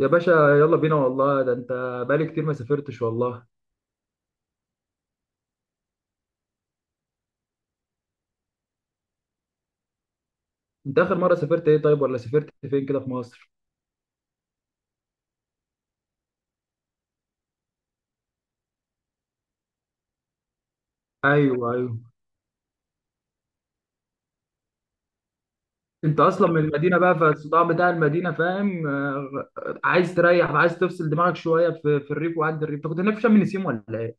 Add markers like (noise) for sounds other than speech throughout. يا باشا، يلا بينا والله. ده انت بقالي كتير ما سافرتش والله. انت اخر مرة سافرت ايه طيب، ولا سافرت فين كده في مصر؟ ايوه ايوه. انت اصلا من المدينة بقى، فالصداع بتاع المدينة فاهم، آه، عايز تريح، عايز تفصل دماغك شوية في الريف، وعند الريف انت كنت هناك في شم النسيم ولا ايه؟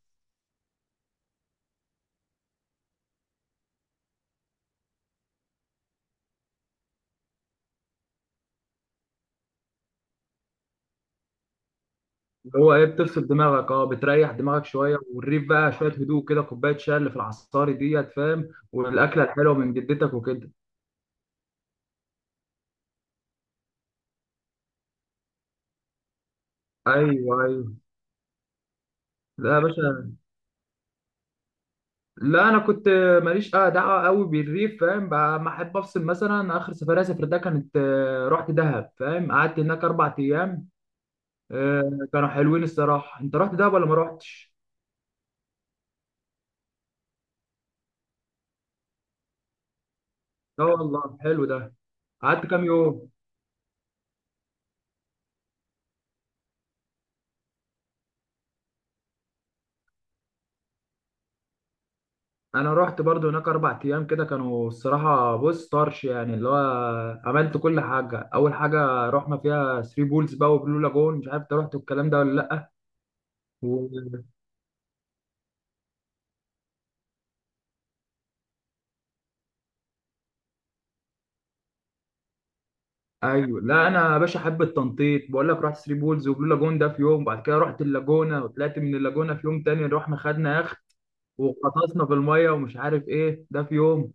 اللي هو ايه، بتفصل دماغك، اه بتريح دماغك شوية، والريف بقى شوية هدوء كده، كوباية شاي اللي في العصاري ديت فاهم، والاكلة الحلوة من جدتك وكده. ايوه ايوه. لا يا باشا، لا انا كنت ماليش دعوه قوي بالريف فاهم بقى، ما احب افصل. مثلا اخر سفريه سافرتها كانت رحت دهب فاهم، قعدت هناك اربع ايام. كانوا حلوين الصراحه. انت رحت دهب ولا ما رحتش؟ لا والله حلو ده. قعدت كام يوم؟ انا رحت برضو هناك اربع ايام كده، كانوا الصراحه، بص طرش يعني، اللي هو عملت كل حاجه. اول حاجه رحنا فيها ثري بولز بقى وبلو لاجون، مش عارف انت رحت الكلام ده ولا لا؟ ايوه. لا انا يا باشا حب التنطيط، بقول لك رحت ثري بولز وبلو لاجون ده في يوم، وبعد كده رحت اللاجونه وطلعت من اللاجونه في يوم تاني، رحنا خدنا يخت وغطسنا في الميه ومش عارف ايه ده في يوم.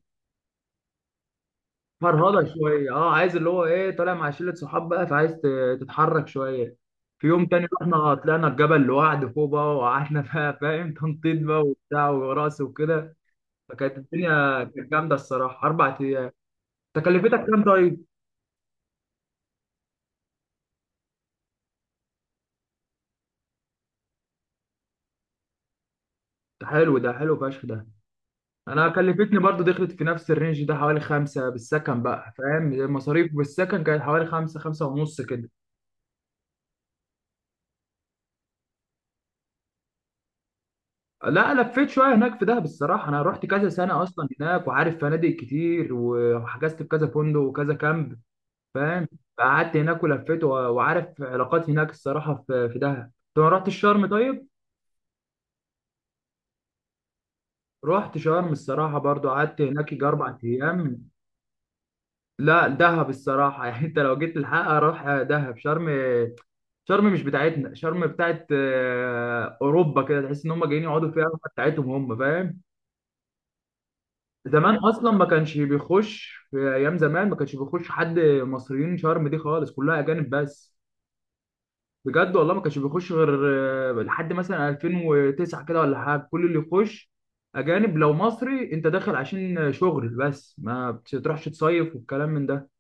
فرهضه شويه، اه عايز اللي هو ايه، طالع مع شله صحاب بقى، فعايز تتحرك شويه. في يوم تاني رحنا طلعنا الجبل لوحد فوق بقى وقعدنا (laughs) بقى فاهم، تنطيط بقى وبتاع ورقص وكده. فكانت الدنيا كانت جامده الصراحه اربع ايام. تكلفتك كام طيب؟ ده حلو، ده حلو فشخ ده. انا كلفتني برضو، دخلت في نفس الرينج ده، حوالي خمسة بالسكن بقى فاهم، المصاريف بالسكن كانت حوالي خمسة، خمسة ونص كده. لا لفيت شوية هناك في دهب الصراحة، انا رحت كذا سنة اصلا هناك، وعارف فنادق كتير وحجزت في كذا فندق وكذا كامب فاهم، قعدت هناك ولفيت وعارف علاقات هناك الصراحة في دهب. طب ما رحت الشرم طيب؟ رحت شرم الصراحة برضو، قعدت هناك يجي أربع أيام. لا دهب الصراحة (laughs) يعني أنت لو جيت الحق أروح دهب شرم. شرم مش بتاعتنا، شرم بتاعت اوروبا كده، تحس ان هم جايين يقعدوا فيها، بتاعتهم هم فاهم. زمان اصلا ما كانش بيخش، في ايام زمان ما كانش بيخش حد مصريين شرم دي خالص، كلها اجانب بس. بجد والله، ما كانش بيخش غير، لحد مثلا 2009 كده ولا حاجه، كل اللي يخش اجانب. لو مصري انت داخل عشان شغل بس، ما بتروحش تصيف والكلام من ده.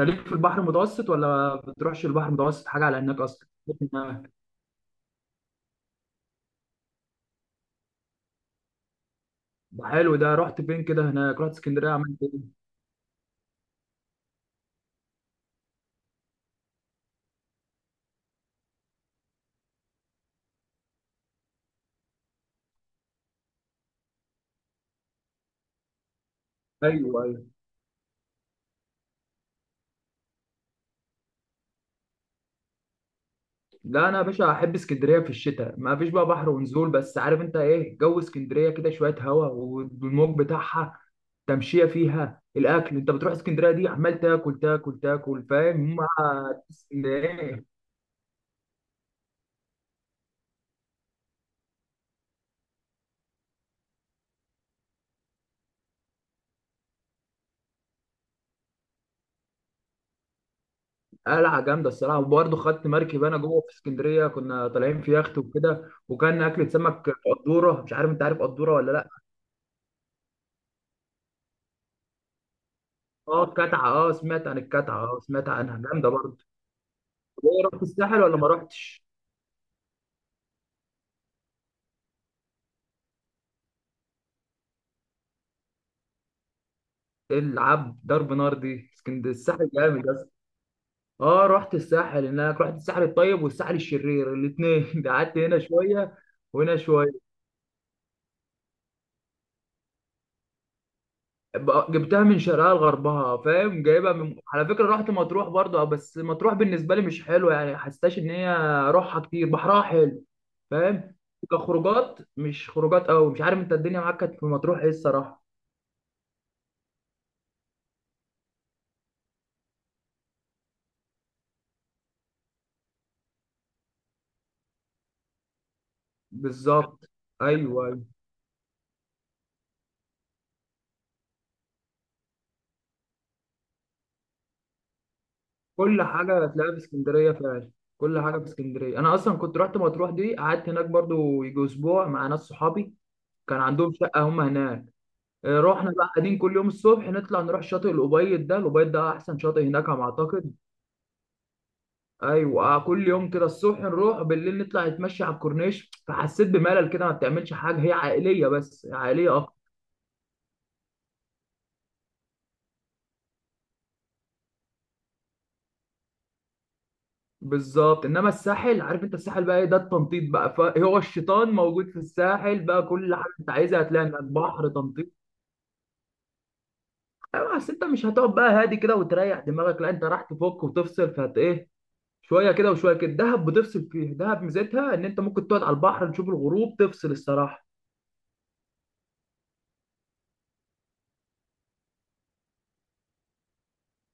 انت ليك في البحر المتوسط ولا بتروحش البحر المتوسط حاجه على هناك اصلا؟ ده حلو، ده رحت فين كده هناك، رحت اسكندريه عملت ايه؟ ايوه ايوه. لا انا يا باشا احب اسكندريه في الشتاء، ما فيش بقى بحر ونزول، بس عارف انت ايه، جو اسكندريه كده شويه هوا والموج بتاعها، تمشيه فيها، الاكل. انت بتروح اسكندريه دي عمال تاكل تاكل تاكل فاهم، مع اسكندريه. قلعه جامده الصراحه، وبرضه خدت مركب انا جوه في اسكندريه، كنا طالعين في يخت وكده، وكان اكله سمك. قدوره، مش عارف انت عارف قدوره ولا لا؟ اه الكتعه، اه سمعت عن الكتعه، اه سمعت عنها جامده برضه. ايه رحت الساحل ولا ما رحتش؟ ايه العب ضرب نار دي، اسكندريه، الساحل جامد اصلا. اه رحت الساحل هناك، رحت الساحل الطيب والساحل الشرير الاثنين (laughs) ده قعدت هنا شويه وهنا شويه. جبتها من شرقها لغربها فاهم، جايبها من، على فكره رحت مطروح برضه، اه، بس مطروح بالنسبه لي مش حلوه، يعني حسيتهاش ان هي روحها كتير، بحرها حلو فاهم، كخروجات مش خروجات قوي. مش عارف انت الدنيا معاك كانت في مطروح ايه الصراحه؟ بالظبط، ايوه ايوه. كل حاجة هتلاقيها في اسكندرية فعلا، كل حاجة في اسكندرية. أنا أصلا كنت رحت مطروح دي، قعدت هناك برضو يجي أسبوع مع ناس صحابي، كان عندهم شقة هم هناك. رحنا بقى قاعدين كل يوم الصبح، نطلع نروح شاطئ الأبيض، ده الأبيض ده أحسن شاطئ هناك على ما أعتقد. أيوة، كل يوم كده الصبح نروح، بالليل نطلع نتمشى على الكورنيش. فحسيت بملل كده، ما بتعملش حاجة، هي عائلية بس، عائلية أكتر. بالظبط، انما الساحل، عارف انت الساحل بقى ايه، ده التنطيط بقى، فهو الشيطان موجود في الساحل بقى، كل حاجه انت عايزها هتلاقي هناك، بحر، تنطيط. ايوه، اصل انت مش هتقعد بقى هادي كده وتريح دماغك، لا انت راح تفك وتفصل، فهت ايه، شويه كده وشويه كده. دهب بتفصل فيه، دهب ميزتها ان انت ممكن تقعد على البحر، تشوف الغروب، تفصل الصراحه.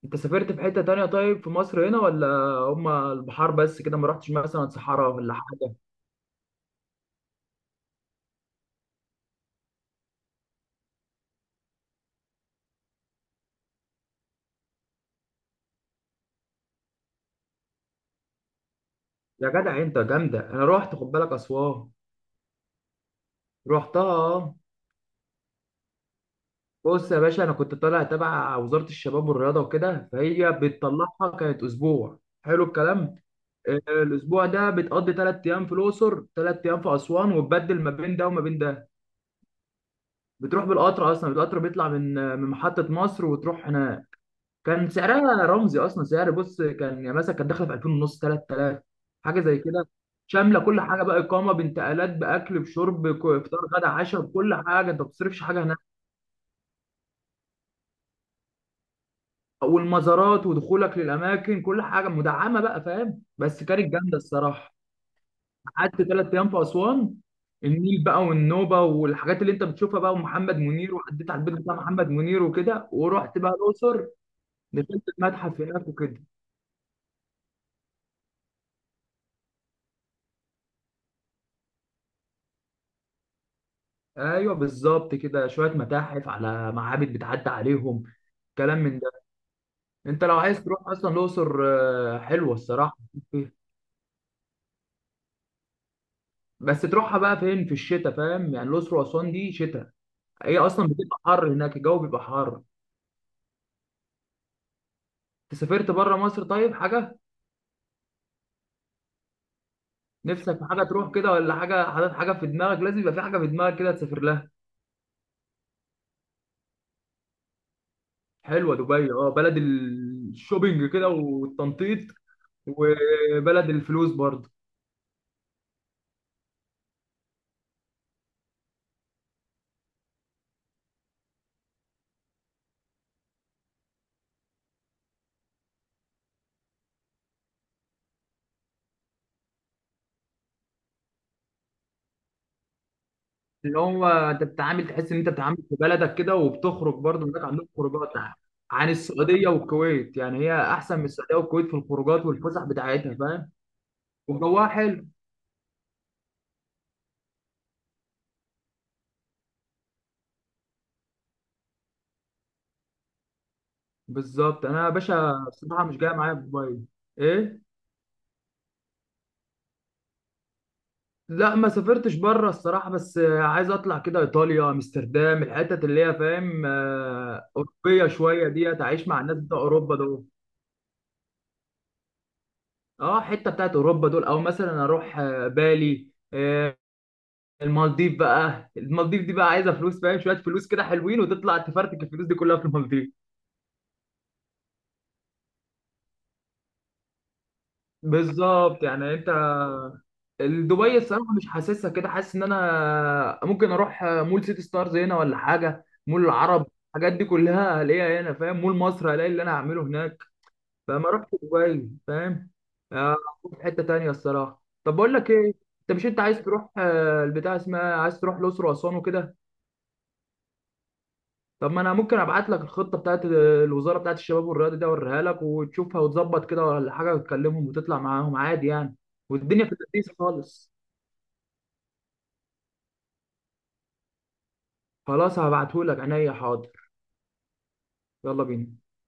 انت سافرت في حته تانية طيب في مصر هنا، ولا هما البحار بس كده، ما رحتش مثلا صحراء ولا حاجه؟ يا جدع انت جامده، انا رحت خد بالك اسوان. رحتها آه. بص يا باشا، انا كنت طالع تبع وزاره الشباب والرياضه وكده، فهي بتطلعها كانت اسبوع. حلو الكلام. الاسبوع ده بتقضي ثلاث ايام في الاقصر، ثلاث ايام في اسوان، وتبدل ما بين ده وما بين ده. بتروح بالقطر اصلا، القطر بيطلع من، من محطه مصر وتروح هناك. كان سعرها رمزي اصلا، سعر بص كان يعني مثلا كان داخله في 2000 ونص، 3000 حاجه زي كده. شامله كل حاجه بقى، اقامه، بانتقالات، باكل، بشرب، فطار، غدا، عشاء، بكل حاجه، انت ما بتصرفش حاجه هناك. والمزارات ودخولك للاماكن كل حاجه مدعمه بقى فاهم، بس كانت جامده الصراحه. قعدت ثلاث ايام في اسوان، النيل بقى والنوبه والحاجات اللي انت بتشوفها بقى، ومحمد منير وعديت على البيت بتاع محمد منير وكده. ورحت بقى الاقصر، دخلت المتحف هناك وكده. ايوه بالظبط، كده شويه متاحف على معابد بتعدي عليهم، كلام من ده. انت لو عايز تروح اصلا الاقصر، حلوه الصراحه، بس تروحها بقى فين، في الشتاء فاهم، يعني الاقصر واسوان دي شتاء، هي اصلا بتبقى حر هناك، الجو بيبقى حر. انت سافرت بره مصر طيب حاجه؟ نفسك في حاجه تروح كده، ولا حاجه حاطط حاجه في دماغك؟ لازم يبقى في حاجه في دماغك كده تسافر لها. حلوه دبي، اه بلد الشوبينج كده والتنطيط، وبلد الفلوس برضه. اللي هو انت بتتعامل، تحس ان انت بتتعامل في بلدك كده، وبتخرج برضه، هناك عندهم خروجات عن السعوديه والكويت، يعني هي احسن من السعوديه والكويت في الخروجات والفسح بتاعتها فاهم، وجوها حلو. بالظبط، انا يا باشا بصراحه مش جايه معايا في دبي. ايه؟ لا ما سافرتش بره الصراحه، بس عايز اطلع كده ايطاليا، امستردام، الحتت اللي هي فاهم، اوروبيه شويه ديت، اعيش مع الناس بتوع اوروبا دول. اه حته بتاعت اوروبا دول، او مثلا اروح، بالي، آه، المالديف بقى. المالديف دي بقى عايزه فلوس فاهم، شويه فلوس كده حلوين، وتطلع تفرتك الفلوس دي كلها في المالديف. بالظبط، يعني انت دبي الصراحه مش حاسسها كده، حاسس ان انا ممكن اروح مول سيتي ستارز هنا ولا حاجه، مول العرب، الحاجات دي كلها هلاقيها هنا فاهم، مول مصر هلاقي اللي انا هعمله هناك. فما اروحش دبي فاهم، آه، اروح في حته تانية الصراحه. طب بقول لك ايه، انت مش انت عايز تروح، البتاع اسمها، عايز تروح الاقصر واسوان وكده؟ طب ما انا ممكن ابعت لك الخطه بتاعت الوزاره بتاعت الشباب والرياضه دي، اوريها لك وتشوفها، وتظبط كده ولا حاجه، وتكلمهم وتطلع معاهم عادي يعني. والدنيا في اللذيذ خالص. خلاص هبعتهولك عينيا، حاضر. يلا بينا.